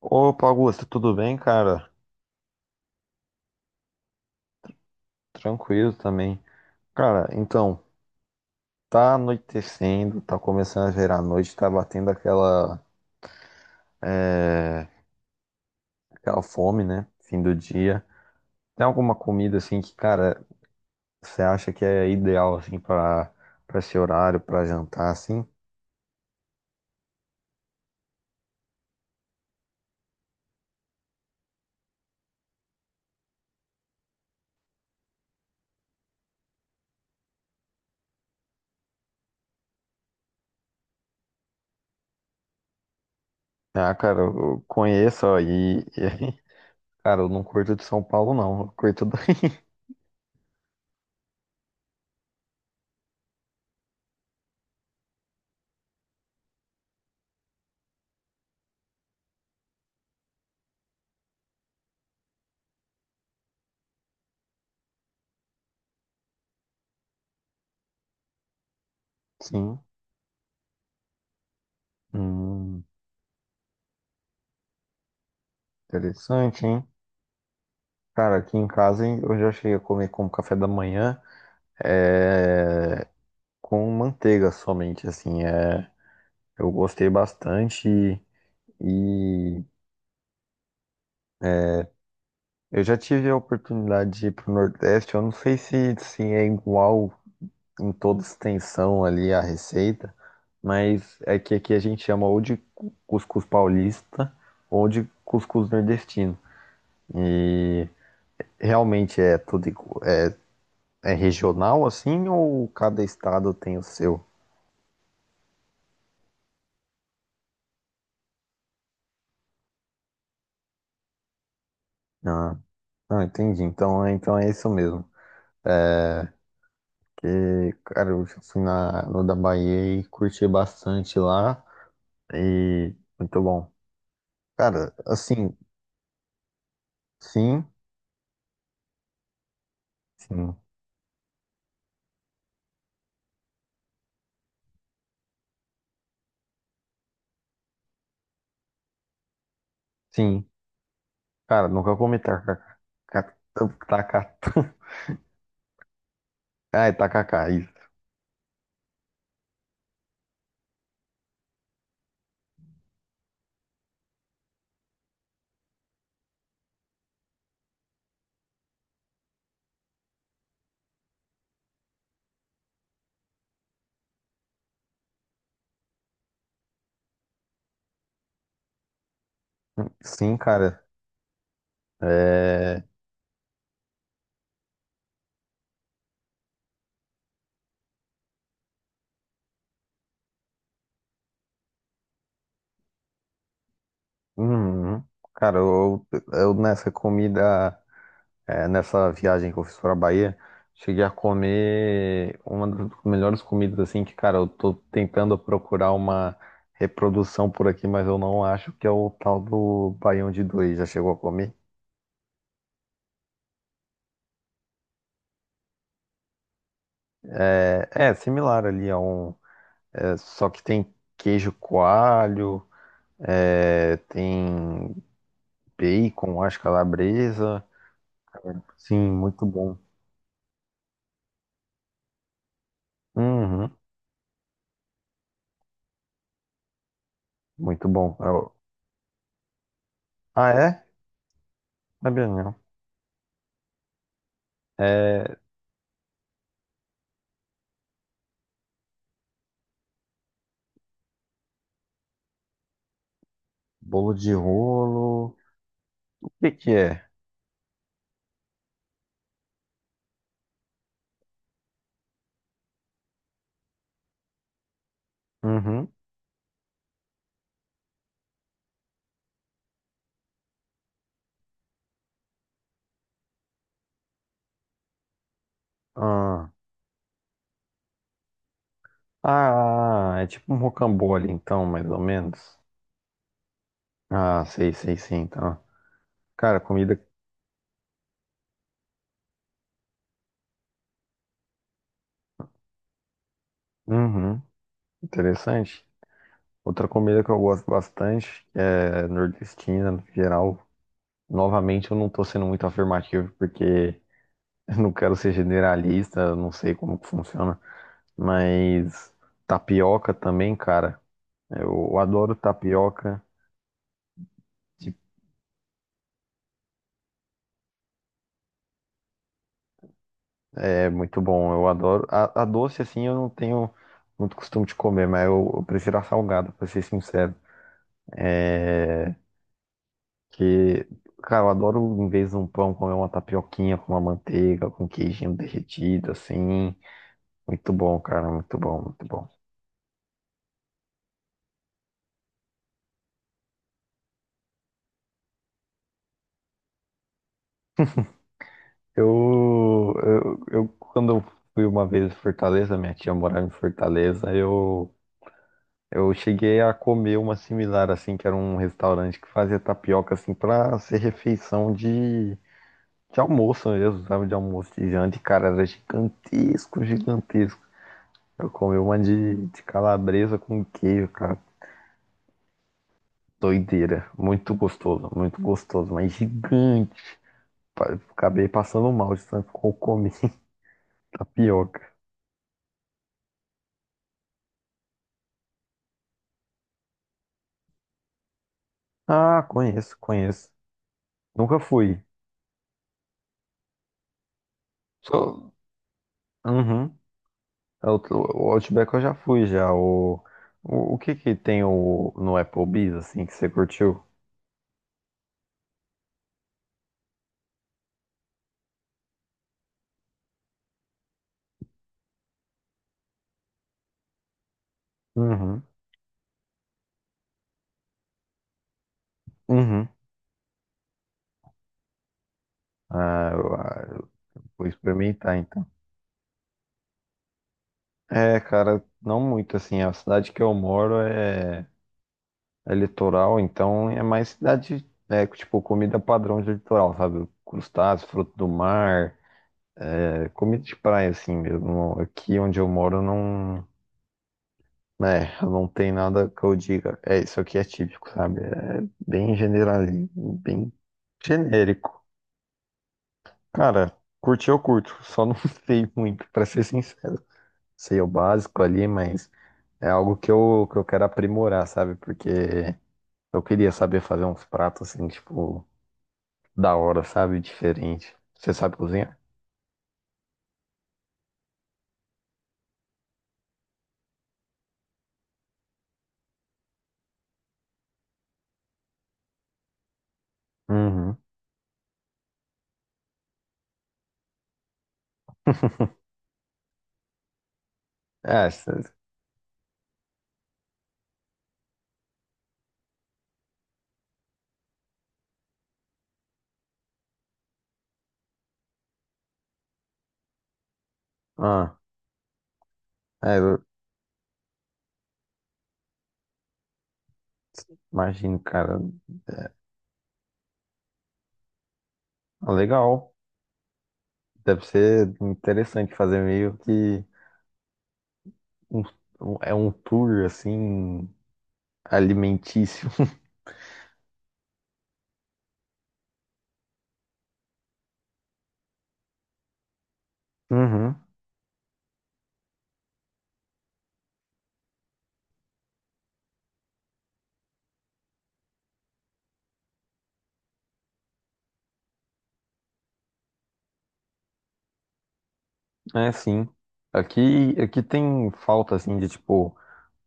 Opa, Augusto, tudo bem, cara? Tranquilo também. Cara, então, tá anoitecendo, tá começando a virar noite, tá batendo aquela, é, aquela fome, né? Fim do dia. Tem alguma comida, assim, que, cara, você acha que é ideal, assim, pra esse horário, pra jantar, assim? Ah, cara, eu conheço aí. Cara, eu não curto de São Paulo, não. Eu curto daí. Sim. Hum, interessante, hein? Cara, aqui em casa hein, eu já cheguei a comer como café da manhã. é, com manteiga somente, assim, eu gostei bastante e eu já tive a oportunidade de ir para o Nordeste, eu não sei se é igual em toda extensão ali a receita, mas é que aqui a gente chama ou de cuscuz paulista ou de cuscuz nordestino. E realmente é tudo é regional assim, ou cada estado tem o seu? Ah, ah, entendi. Então é isso mesmo. É, que, cara, eu já fui no da Bahia e curti bastante lá. E muito bom. Cara, assim, sim, sim, sim. Cara, nunca comi tacacá. Tacacá. Ai, tacacá, isso. Sim, cara. É. Hum, cara, eu, eu nessa comida. É, nessa viagem que eu fiz pra Bahia, cheguei a comer uma das melhores comidas, assim, que, cara, eu tô tentando procurar uma reprodução por aqui, mas eu não acho que é o tal do baião de dois. Já chegou a comer? É, é similar ali a um, só que tem queijo coalho, tem bacon, acho, calabresa. Sim, muito bom. Uhum, muito bom. Eu- Ah, é? Sabia não. É, bolo de rolo. Que é? Uhum. Ah. Ah, é tipo um rocambole, então, mais ou menos. Ah, sei, sei, sim, então. Cara, comida. Uhum. Interessante. Outra comida que eu gosto bastante é nordestina, no geral. Novamente, eu não tô sendo muito afirmativo, porque eu não quero ser generalista, eu não sei como que funciona. Mas tapioca também, cara. Eu adoro tapioca. É muito bom, eu adoro. A doce, assim, eu não tenho muito costume de comer, mas eu prefiro a salgada, pra ser sincero. É. Que, cara, eu adoro, em vez de um pão, comer uma tapioquinha com uma manteiga, com queijinho derretido, assim. Muito bom, cara, muito bom, muito bom. Eu quando eu fui uma vez em Fortaleza, minha tia morava em Fortaleza, eu. Eu cheguei a comer uma similar, assim, que era um restaurante que fazia tapioca, assim, pra ser refeição de almoço. Eu usava de almoço, de janta, e cara, era gigantesco, gigantesco. Eu comi uma de calabresa com queijo, cara. Doideira. Muito gostoso, mas gigante. Acabei passando mal de tanto que eu comi tapioca. Ah, conheço, conheço. Nunca fui. Só... Uhum. É, o Outback eu já fui, já. O que que tem no Applebee's, assim, que você curtiu? Uhum. Uhum. Eu vou experimentar, então. É, cara, não muito assim. A cidade que eu moro é, é litoral, então é mais cidade, é, tipo, comida padrão de litoral, sabe? Crustáceos, fruto do mar, é, comida de praia, assim mesmo. Aqui onde eu moro não, né, não tem nada que eu diga. É, isso aqui é típico, sabe? É bem general, bem genérico. Cara, curti eu curto, só não sei muito, pra ser sincero. Sei o básico ali, mas é algo que que eu quero aprimorar, sabe? Porque eu queria saber fazer uns pratos assim, tipo, da hora, sabe? Diferente. Você sabe cozinhar? Uhum. É, cê- ah, é, eu imagino, cara. Ah, legal. Deve ser interessante fazer meio que um, é um tour assim alimentício. Uhum. É, sim. Aqui, aqui tem falta assim de tipo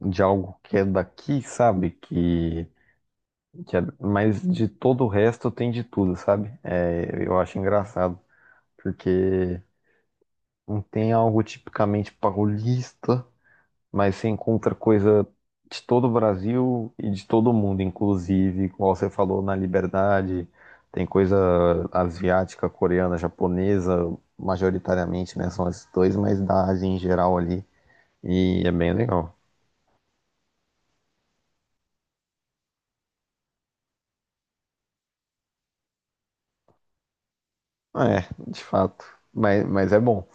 de algo que é daqui, sabe? Mas de todo o resto tem de tudo, sabe? É, eu acho engraçado, porque não tem algo tipicamente paulista, mas você encontra coisa de todo o Brasil e de todo o mundo, inclusive, como você falou, na Liberdade, tem coisa asiática, coreana, japonesa, majoritariamente, né? São esses dois, mas da Ásia em geral ali, e é bem legal. É, de fato. Mas é bom.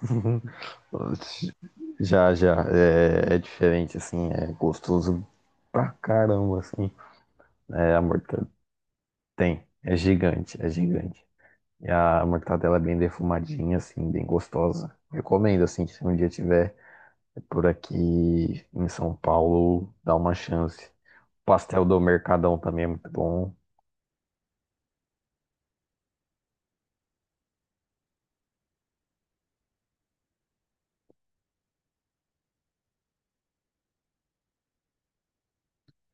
Já, já. É, é diferente, assim. É gostoso pra caramba, assim. É, a mortadela tem. É gigante, é gigante. E a mortadela é bem defumadinha, assim, bem gostosa. Recomendo, assim, que se um dia tiver por aqui em São Paulo, dá uma chance. Pastel do Mercadão também é muito bom.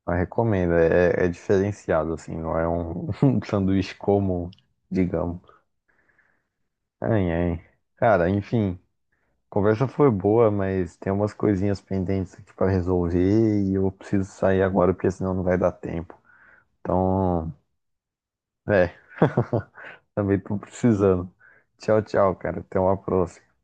Eu recomendo, é, é é diferenciado, assim, não é um, um sanduíche comum, digamos. Ai, ai. Cara, enfim, conversa foi boa, mas tem umas coisinhas pendentes aqui pra resolver e eu preciso sair agora porque senão não vai dar tempo. Então, é, também tô precisando. Tchau, tchau, cara. Até uma próxima.